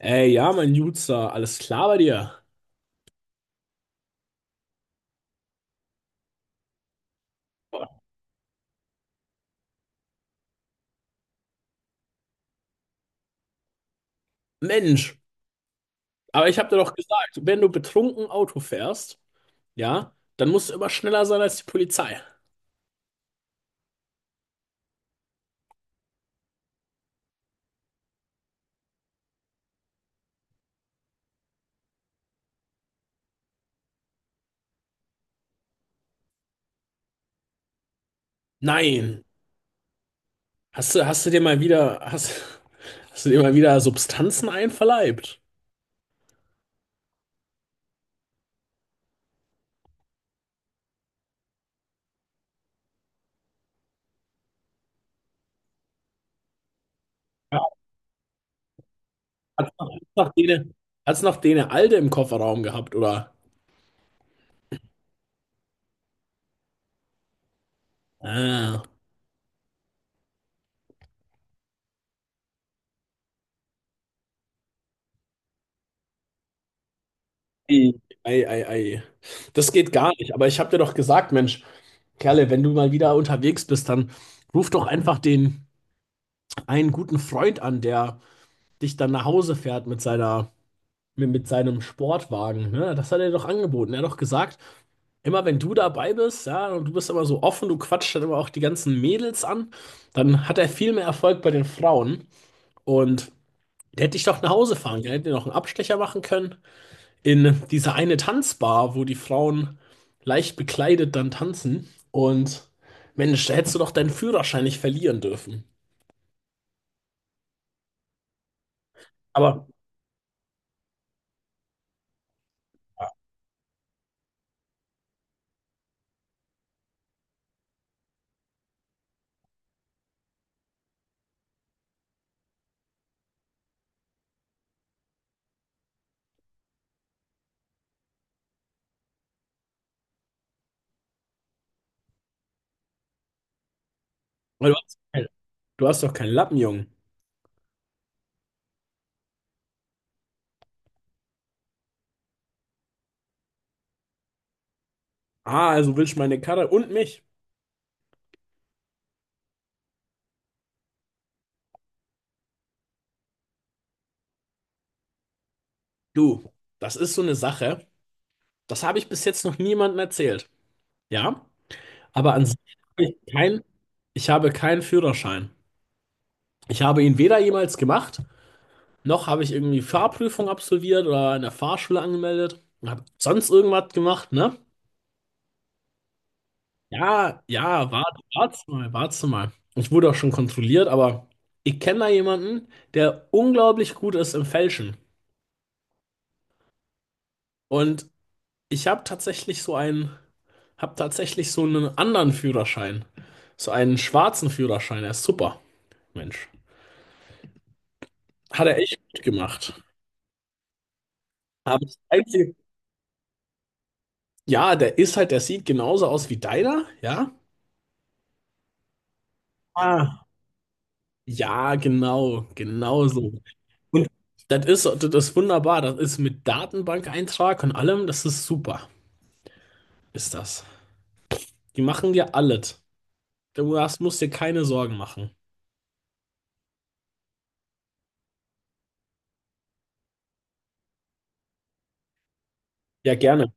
Ey, ja, mein Jutzer, alles klar bei dir? Mensch, aber ich hab dir doch gesagt, wenn du betrunken Auto fährst, ja, dann musst du immer schneller sein als die Polizei. Nein, hast du, hast du dir mal wieder, hast, hast du dir mal wieder Substanzen einverleibt? Ja, hat's noch, hat's noch dene, hat's noch dene Alte im Kofferraum gehabt, oder? Ah, ei, ei, ei, ei. Das geht gar nicht, aber ich hab dir doch gesagt, Mensch, Kerle, wenn du mal wieder unterwegs bist, dann ruf doch einfach den. Einen guten Freund an, der dich dann nach Hause fährt mit mit seinem Sportwagen. Ne? Das hat er doch angeboten. Er hat doch gesagt, immer wenn du dabei bist, ja, und du bist immer so offen, du quatschst dann immer auch die ganzen Mädels an, dann hat er viel mehr Erfolg bei den Frauen. Und der hätte dich doch nach Hause fahren können, hätte dir noch einen Abstecher machen können in diese eine Tanzbar, wo die Frauen leicht bekleidet dann tanzen. Und Mensch, da hättest du doch deinen Führerschein nicht verlieren dürfen. Aber weil du hast du hast doch keinen Lappen, Junge. Ah, also willst du meine Karre und mich? Du, das ist so eine Sache. Das habe ich bis jetzt noch niemandem erzählt. Ja, aber an sich habe ich kein, ich habe keinen Führerschein. Ich habe ihn weder jemals gemacht, noch habe ich irgendwie Fahrprüfung absolviert oder in der Fahrschule angemeldet und habe sonst irgendwas gemacht, ne? Ja, ja, warte mal. Ich wurde auch schon kontrolliert, aber ich kenne da jemanden, der unglaublich gut ist im Fälschen. Und ich habe habe tatsächlich so einen anderen Führerschein. So einen schwarzen Führerschein. Er ist super, Mensch. Hat er echt gut gemacht. Aber das Einzige, ja, der sieht genauso aus wie deiner, ja? Ah. Ja, genau, genau so. Und das ist wunderbar. Das ist mit Datenbankeintrag und allem, das ist super, ist das. Die machen dir alles. Musst dir keine Sorgen machen. Ja, gerne.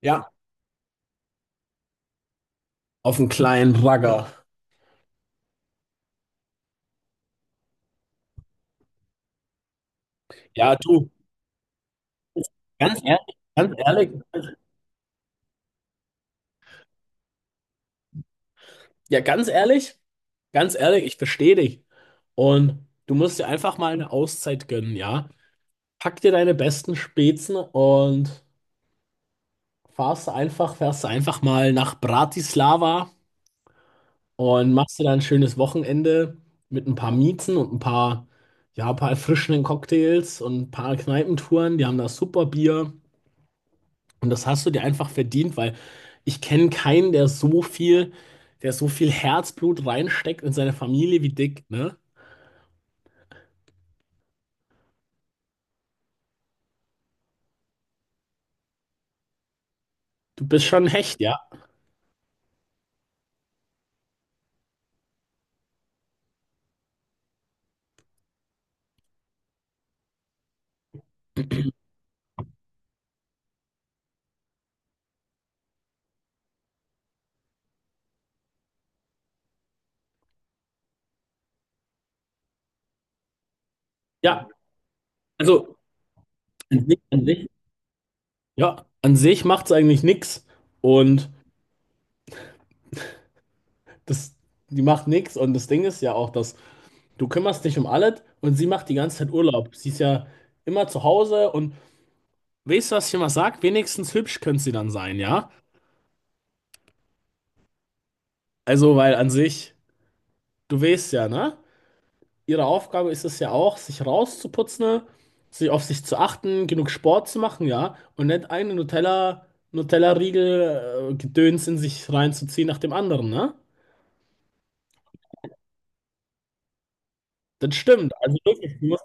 Ja, auf einen kleinen Bagger. Ja, du. Ganz ehrlich, ganz ehrlich, ja, ganz ehrlich, ganz ehrlich, ich verstehe dich. Und du musst dir einfach mal eine Auszeit gönnen, ja? Pack dir deine besten Spezen und fährst einfach mal nach Bratislava und machst dir dann ein schönes Wochenende mit ein paar Miezen und ein paar, ja, ein paar erfrischenden Cocktails und ein paar Kneipentouren. Die haben da super Bier. Und das hast du dir einfach verdient, weil ich kenne keinen, der so viel Herzblut reinsteckt in seine Familie wie Dick, ne? Du bist schon ein Hecht, ja? Ja, also an sich, an sich, ja, an sich macht's eigentlich nix und das, die macht nix und das Ding ist ja auch, dass du kümmerst dich um alles und sie macht die ganze Zeit Urlaub. Sie ist ja immer zu Hause und weißt du, was ich immer sag? Wenigstens hübsch könnte sie dann sein, ja? Also, weil an sich, du weißt ja, ne? Ihre Aufgabe ist es ja auch, sich rauszuputzen, sich auf sich zu achten, genug Sport zu machen, ja, und nicht einen Nutella-Riegel, Gedöns in sich reinzuziehen nach dem anderen, ne? Das stimmt. Also wirklich, du musst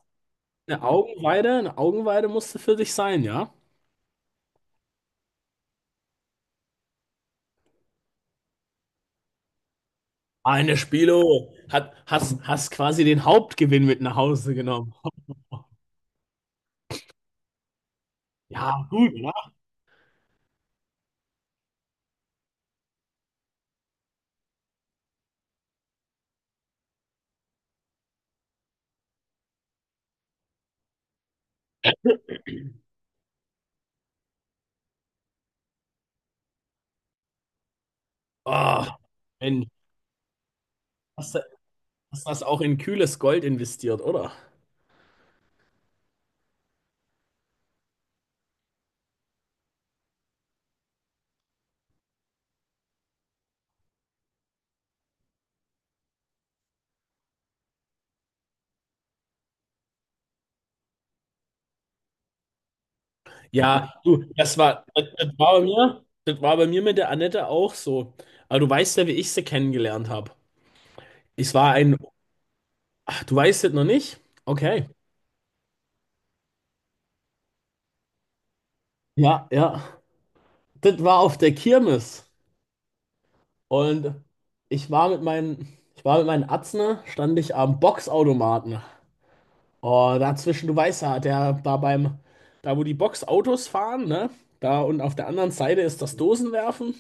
eine Augenweide musste für dich sein, ja? Eine Spilo hat, hast, hast quasi den Hauptgewinn mit nach Hause genommen. Ja, gut, ne? Oh, Mensch, hast du hast das auch in kühles Gold investiert, oder? Ja, du, das war bei mir, das war bei mir mit der Annette auch so. Aber du weißt ja, wie ich sie kennengelernt habe. Ich war ein, ach, du weißt das noch nicht? Okay. Ja, ja. Das war auf der Kirmes. Und ich war mit meinen, ich war mit meinen Atzen, stand ich am Boxautomaten. Oh, dazwischen, du weißt ja, der da beim, da wo die Boxautos fahren, ne? Da und auf der anderen Seite ist das Dosenwerfen.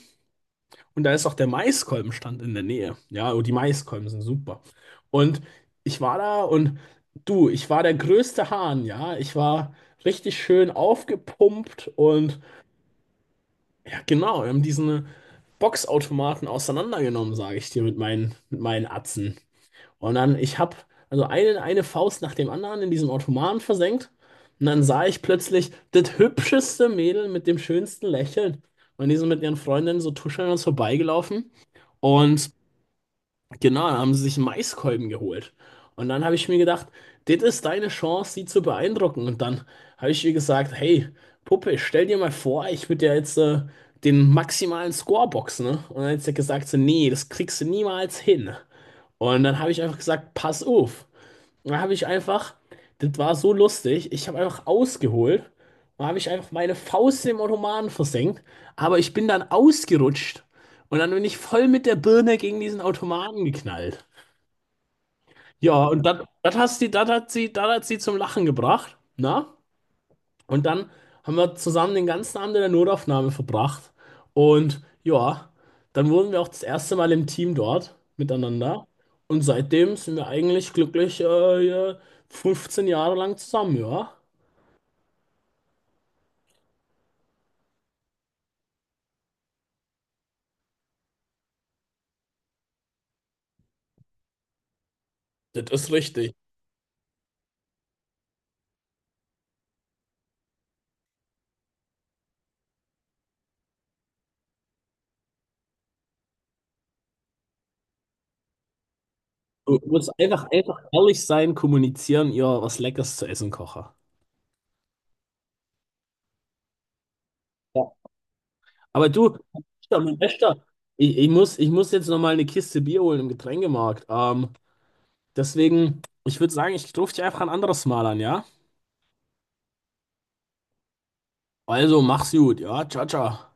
Und da ist auch der Maiskolbenstand in der Nähe. Ja, und die Maiskolben sind super. Und ich war da und du, ich war der größte Hahn, ja. Ich war richtig schön aufgepumpt und ja, genau, wir haben diesen Boxautomaten auseinandergenommen, sage ich dir, mit meinen Atzen. Und dann, ich habe also eine Faust nach dem anderen in diesen Automaten versenkt. Und dann sah ich plötzlich das hübscheste Mädel mit dem schönsten Lächeln. Und die sind mit ihren Freundinnen so tuschelnd an uns vorbeigelaufen. Und genau, dann haben sie sich einen Maiskolben geholt. Und dann habe ich mir gedacht, das ist deine Chance, sie zu beeindrucken. Und dann habe ich ihr gesagt, hey, Puppe, stell dir mal vor, ich würde dir jetzt den maximalen Score boxen, ne? Und dann hat sie gesagt, so, nee, das kriegst du niemals hin. Und dann habe ich einfach gesagt, pass auf. Da habe ich einfach, das war so lustig, ich habe einfach ausgeholt und habe ich einfach meine Faust im Ottomanen versenkt, aber ich bin dann ausgerutscht und dann bin ich voll mit der Birne gegen diesen Automaten geknallt. Ja, und das das hat sie zum Lachen gebracht, na? Und dann haben wir zusammen den ganzen Abend in der Notaufnahme verbracht. Und ja, dann wurden wir auch das erste Mal im Team dort miteinander. Und seitdem sind wir eigentlich glücklich 15 Jahre lang zusammen, ja. Das ist richtig. Du musst einfach, einfach ehrlich sein, kommunizieren, ihr was Leckeres zu essen kochen. Ja. Aber du, mein Bester, ich muss jetzt nochmal eine Kiste Bier holen im Getränkemarkt. Deswegen, ich würde sagen, ich rufe dich einfach ein anderes Mal an, ja? Also, mach's gut, ja, ciao, ciao.